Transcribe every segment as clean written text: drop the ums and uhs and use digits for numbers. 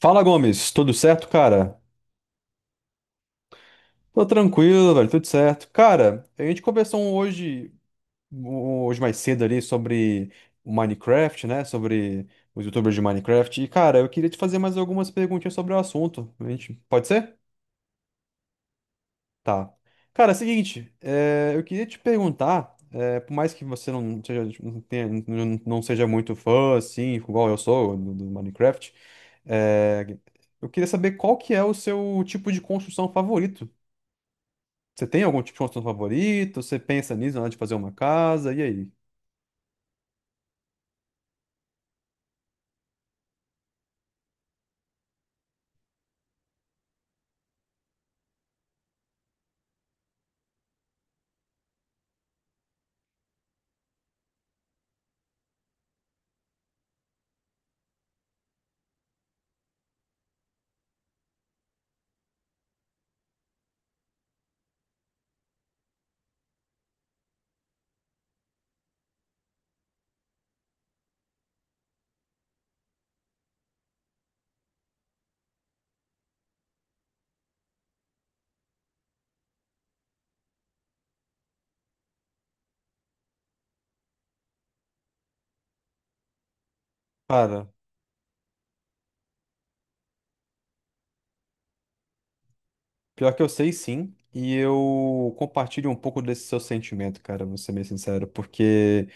Fala, Gomes, tudo certo, cara? Tô tranquilo, velho, tudo certo. Cara, a gente conversou hoje mais cedo ali sobre o Minecraft, né? Sobre os YouTubers de Minecraft. E, cara, eu queria te fazer mais algumas perguntinhas sobre o assunto. A gente, pode ser? Tá. Cara, é o seguinte, eu queria te perguntar, por mais que você não seja, não seja muito fã, assim, igual eu sou, do Minecraft, é, eu queria saber qual que é o seu tipo de construção favorito. Você tem algum tipo de construção favorito? Você pensa nisso na hora de fazer uma casa? E aí? Cara, pior que eu sei sim, e eu compartilho um pouco desse seu sentimento, cara, vou ser bem sincero, porque,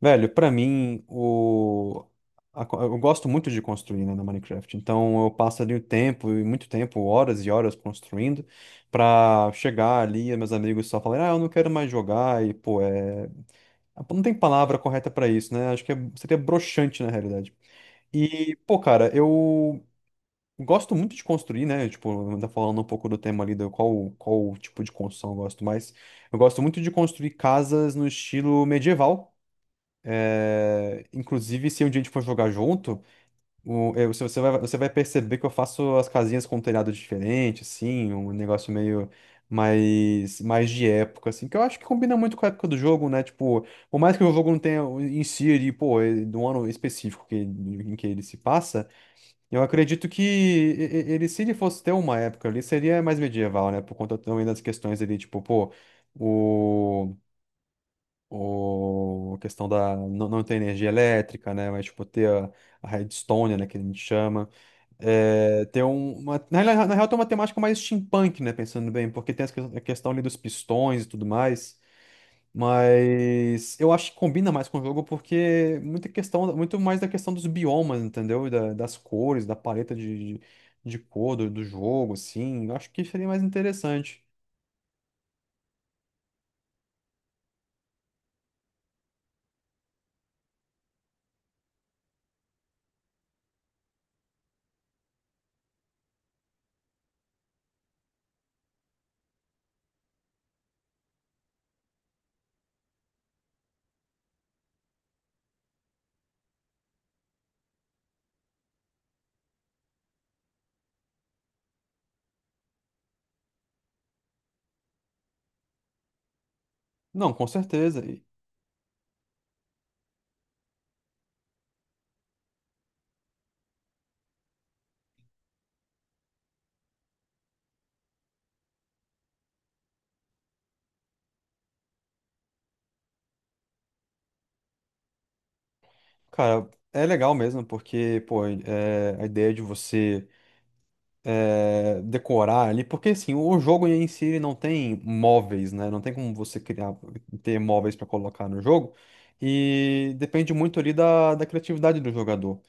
velho, pra mim, eu gosto muito de construir, né, no Minecraft, então eu passo ali o tempo, e muito tempo, horas e horas construindo, pra chegar ali e meus amigos só falarem, ah, eu não quero mais jogar, e, pô, é... não tem palavra correta pra isso, né? Acho que seria broxante, na realidade. E, pô, cara, eu gosto muito de construir, né? Tipo, ainda falando um pouco do tema ali, qual tipo de construção eu gosto mais. Eu gosto muito de construir casas no estilo medieval. É, inclusive, se um dia a gente for jogar junto, se você vai, você vai perceber que eu faço as casinhas com um telhado diferente, assim, um negócio meio mais de época, assim, que eu acho que combina muito com a época do jogo, né? Tipo, por mais que o jogo não tenha em si, ali, pô, é do ano específico que, em que ele se passa. Eu acredito que ele, se ele fosse ter uma época ali, seria mais medieval, né? Por conta também das questões ali, tipo, pô, o, a questão da não ter energia elétrica, né? Mas, tipo, ter a redstone, né? Que a gente chama. É, ter na real, tem uma temática mais steampunk, né? Pensando bem, porque tem a questão ali dos pistões e tudo mais. Mas eu acho que combina mais com o jogo porque muita questão, muito mais da questão dos biomas, entendeu? Das cores, da paleta de cor do jogo, assim. Eu acho que seria mais interessante. Não, com certeza. E, cara, é legal mesmo porque, pô, é, a ideia de você. É, decorar ali, porque assim, o jogo em si ele não tem móveis, né? Não tem como você criar, ter móveis para colocar no jogo, e depende muito ali da criatividade do jogador.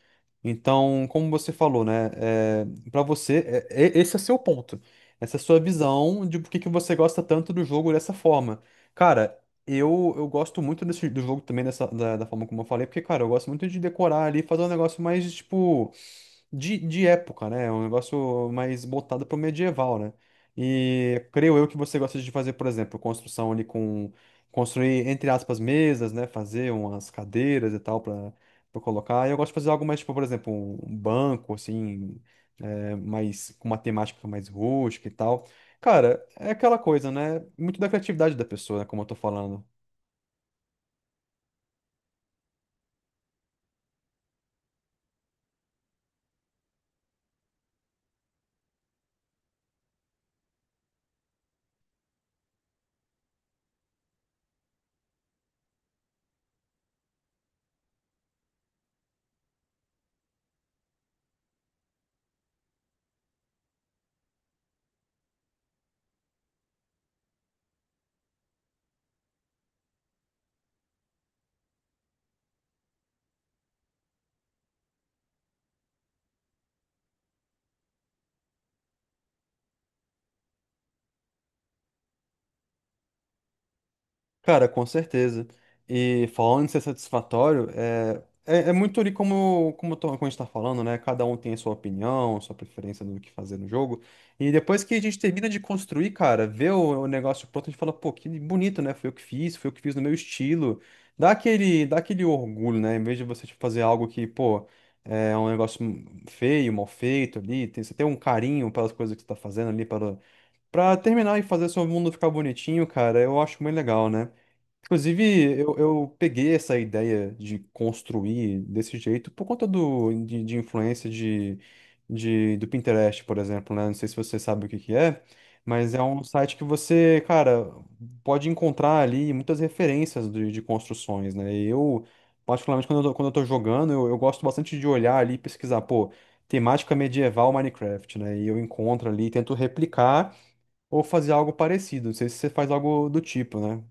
Então, como você falou, né? É, para você, esse é seu ponto. Essa é a sua visão de por que que você gosta tanto do jogo dessa forma. Cara, eu gosto muito desse, do jogo também da forma como eu falei, porque, cara, eu gosto muito de decorar ali, fazer um negócio mais, tipo de época, né? É um negócio mais voltado pro medieval, né? E creio eu que você gosta de fazer, por exemplo, construção ali com... Construir, entre aspas, mesas, né? Fazer umas cadeiras e tal pra colocar. E eu gosto de fazer algo mais, tipo, por exemplo, um banco, assim... É, mais, com uma temática mais rústica e tal. Cara, é aquela coisa, né? Muito da criatividade da pessoa, né? Como eu tô falando. Cara, com certeza. E falando em ser satisfatório, é muito ali como a gente tá falando, né? Cada um tem a sua opinião, sua preferência do que fazer no jogo. E depois que a gente termina de construir, cara, vê o negócio pronto, a gente fala, pô, que bonito, né? Foi eu que fiz, foi eu que fiz no meu estilo. Dá aquele orgulho, né? Em vez de você tipo, fazer algo que, pô, é um negócio feio, mal feito ali, tem, você tem um carinho pelas coisas que você tá fazendo ali, para terminar e fazer seu mundo ficar bonitinho, cara, eu acho muito legal, né? Inclusive, eu peguei essa ideia de construir desse jeito por conta de influência do Pinterest, por exemplo, né? Não sei se você sabe o que que é, mas é um site que você, cara, pode encontrar ali muitas referências de construções, né? E eu, particularmente, quando eu tô jogando, eu gosto bastante de olhar ali e pesquisar, pô, temática medieval Minecraft, né? E eu encontro ali, tento replicar ou fazer algo parecido. Não sei se você faz algo do tipo, né?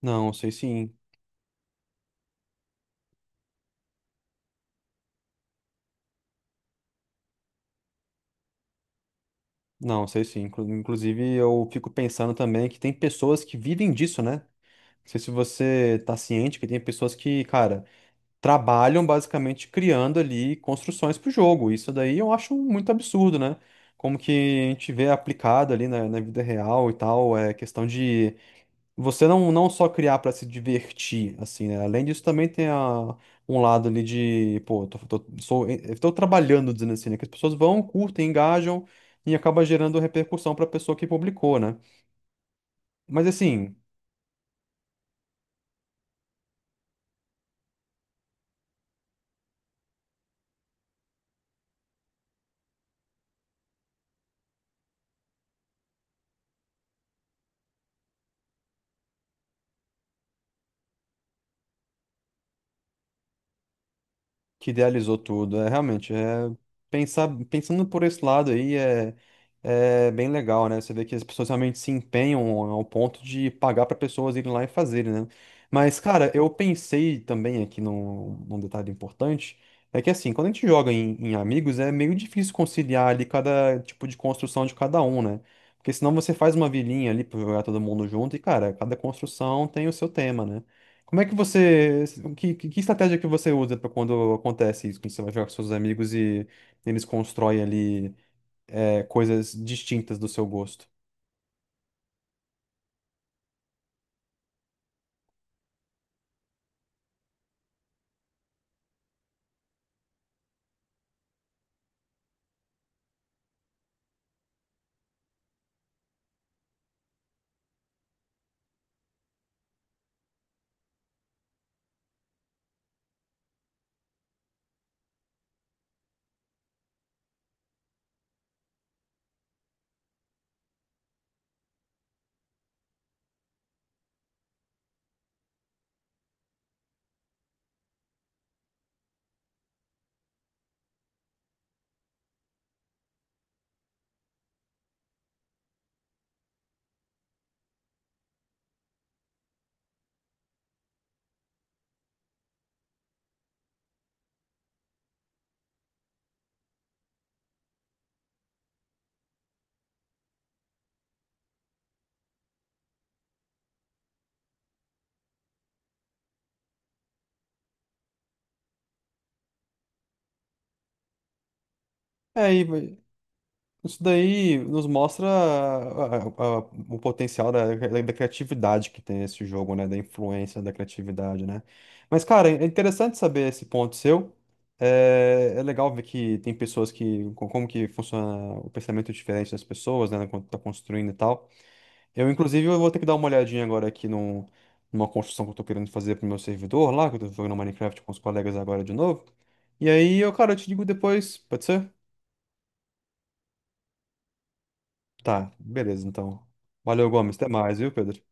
Não, sei sim. Não, sei sim. Inclusive, eu fico pensando também que tem pessoas que vivem disso, né? Não sei se você tá ciente que tem pessoas que, cara, trabalham basicamente criando ali construções pro jogo. Isso daí eu acho muito absurdo, né? Como que a gente vê aplicado ali na vida real e tal, é questão de você não só criar para se divertir, assim, né? Além disso, também tem a, um lado ali de, pô, eu tô trabalhando, dizendo assim, né? Que as pessoas vão, curtem, engajam e acaba gerando repercussão para a pessoa que publicou, né? Mas assim. Que idealizou tudo. É realmente é pensar pensando por esse lado aí é, é bem legal, né? Você vê que as pessoas realmente se empenham ao ponto de pagar para pessoas irem lá e fazerem, né? Mas, cara, eu pensei também aqui num detalhe importante. É que assim, quando a gente joga em amigos, é meio difícil conciliar ali cada tipo de construção de cada um, né? Porque senão você faz uma vilinha ali pra jogar todo mundo junto e, cara, cada construção tem o seu tema, né? Como é que você. Que estratégia que você usa para quando acontece isso? Quando você vai jogar com seus amigos e eles constroem ali é, coisas distintas do seu gosto. É, isso daí nos mostra o potencial da criatividade que tem esse jogo, né? Da influência da criatividade, né? Mas, cara, é interessante saber esse ponto seu. É legal ver que tem pessoas que. Como que funciona o pensamento diferente das pessoas, né? Quando tá construindo e tal. Inclusive, eu vou ter que dar uma olhadinha agora aqui numa construção que eu tô querendo fazer pro meu servidor lá, que eu tô jogando Minecraft com os colegas agora de novo. E aí, cara, eu te digo depois, pode ser? Tá, beleza, então. Valeu, Gomes. Até mais, viu, Pedro?